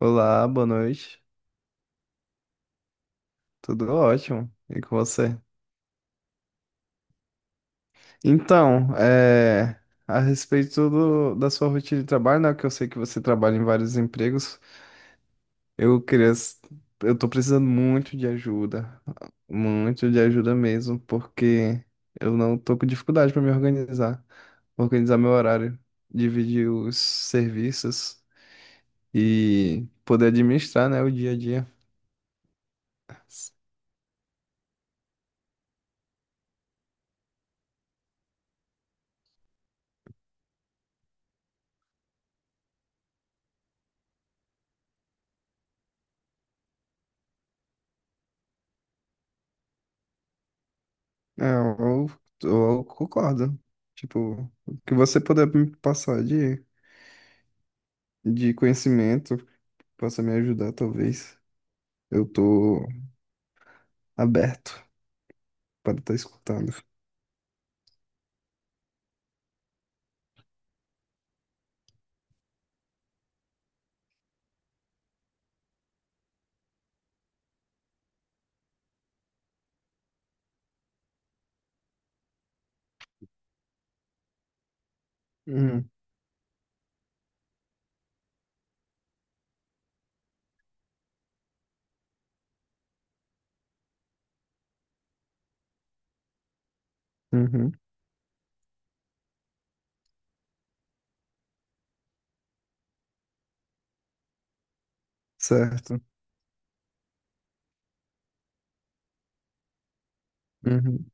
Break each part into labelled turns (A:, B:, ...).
A: Olá, boa noite. Tudo ótimo. E com você? Então, a respeito da sua rotina de trabalho, né, que eu sei que você trabalha em vários empregos, eu queria, s- eu tô precisando muito de ajuda mesmo, porque eu não tô com dificuldade para me organizar, organizar meu horário, dividir os serviços e poder administrar, né, o dia a dia. É, eu, eu concordo. Tipo, o que você puder me passar de conhecimento, possa me ajudar, talvez. Eu tô aberto para estar escutando. Uhum, uhum, certo. Uhum.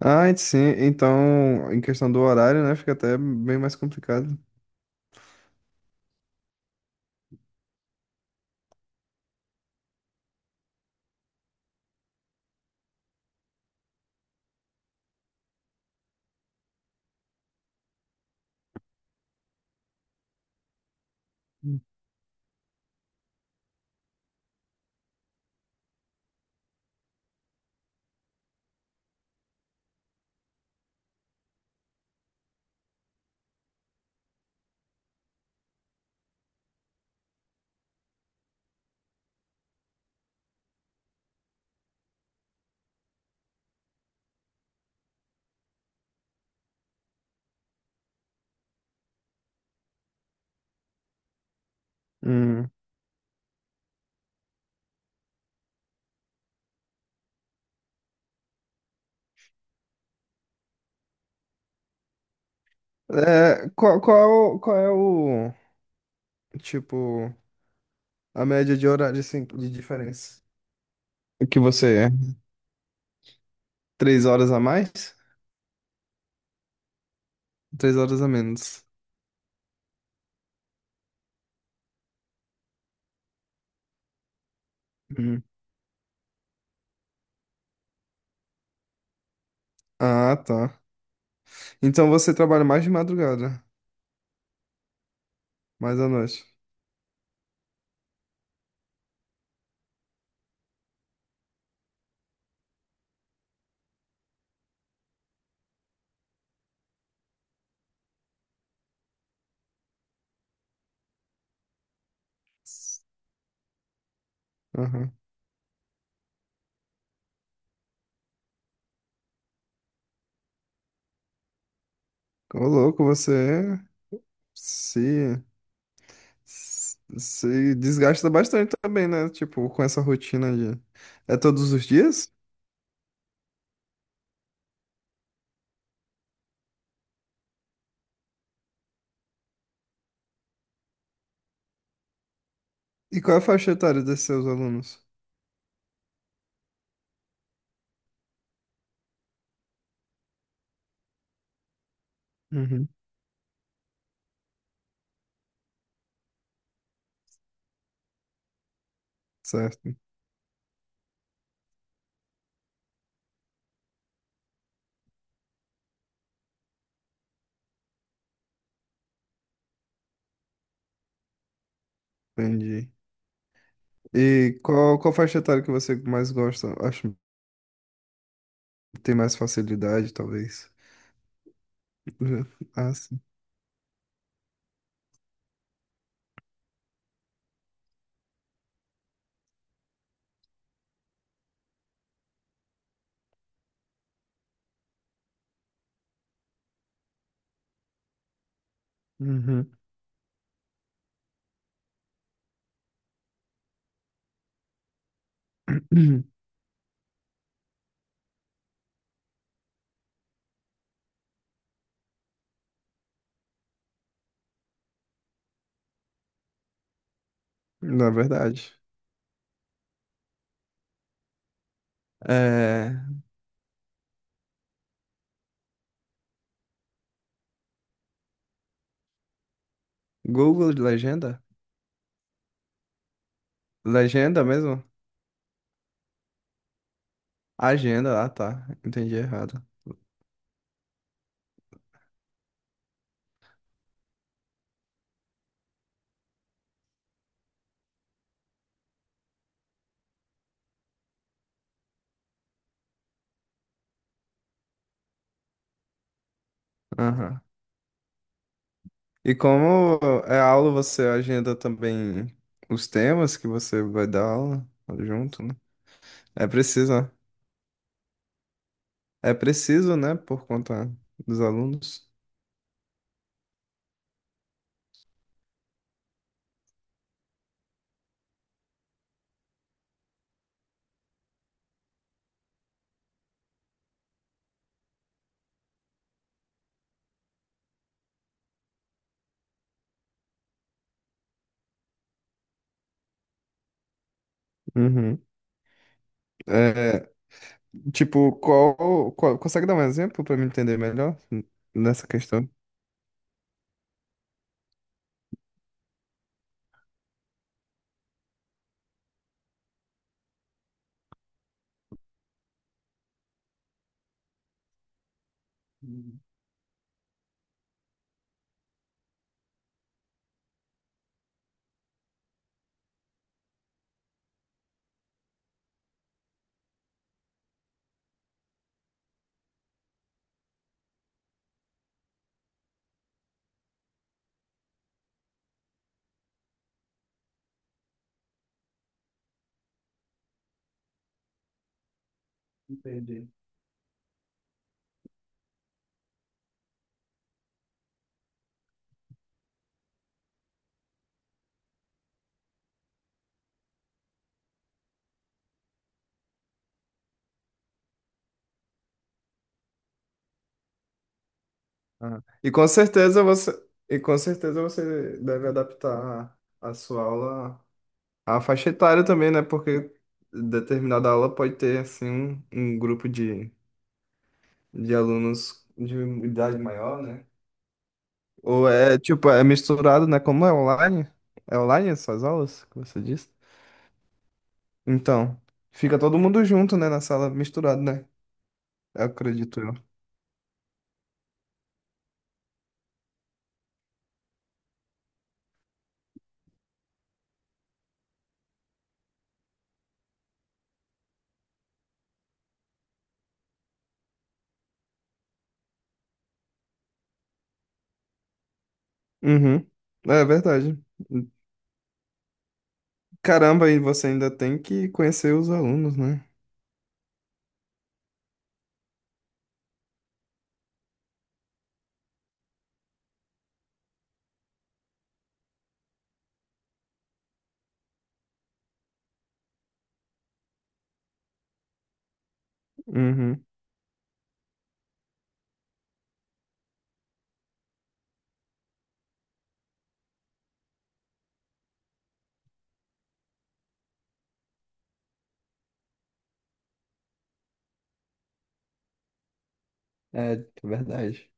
A: Ah, e sim, então, em questão do horário, né, fica até bem mais complicado. Hum. É, qual é o, tipo, a média de horário, assim, de diferença? O que você é? Três horas a mais? Três horas a menos. Ah, tá. Então você trabalha mais de madrugada, mais à noite. Aham. Ô, louco, você se, se desgasta bastante também, né? Tipo, com essa rotina de. É todos os dias? E qual é a faixa etária desses seus alunos? Uhum. Certo, entendi. E qual faixa etária que você mais gosta? Acho que tem mais facilidade, talvez. Uhum. Ah, sim. Uhum. Na verdade. É... Google de legenda? Legenda mesmo? Agenda, ah tá, entendi errado. Aham. E como é aula, você agenda também os temas que você vai dar aula junto, né? É preciso, é preciso, né, por conta dos alunos. Uhum. É, tipo, consegue dar um exemplo para eu me entender melhor nessa questão? Hum. Entendi. Aham. E com certeza você deve adaptar a sua aula a faixa etária também, né? Porque determinada aula pode ter, assim, um grupo de alunos de idade maior, né? Ou é, tipo, é misturado, né? Como é online? É online essas aulas que você disse? Então, fica todo mundo junto, né? Na sala, misturado, né? Eu acredito eu. Uhum. É verdade. Caramba, e você ainda tem que conhecer os alunos, né? Uhum. É, verdade.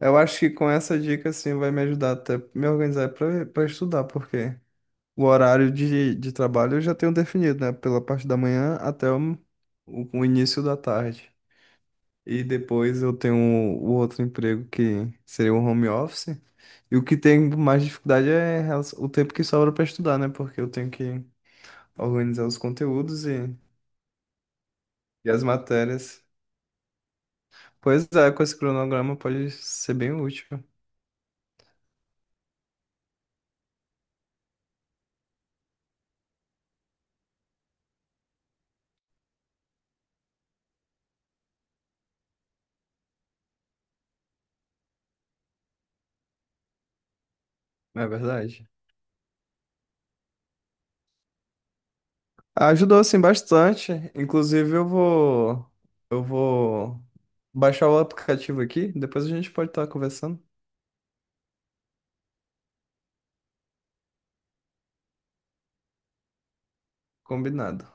A: Eu acho que com essa dica, assim, vai me ajudar até me organizar para estudar, porque o horário de trabalho eu já tenho definido, né? Pela parte da manhã até o início da tarde. E depois eu tenho o outro emprego que seria o home office. E o que tem mais dificuldade é o tempo que sobra para estudar, né? Porque eu tenho que organizar os conteúdos e as matérias. Pois é, com esse cronograma pode ser bem útil, não é verdade? Ajudou sim bastante. Inclusive, eu vou baixar o aplicativo aqui, depois a gente pode estar conversando. Combinado.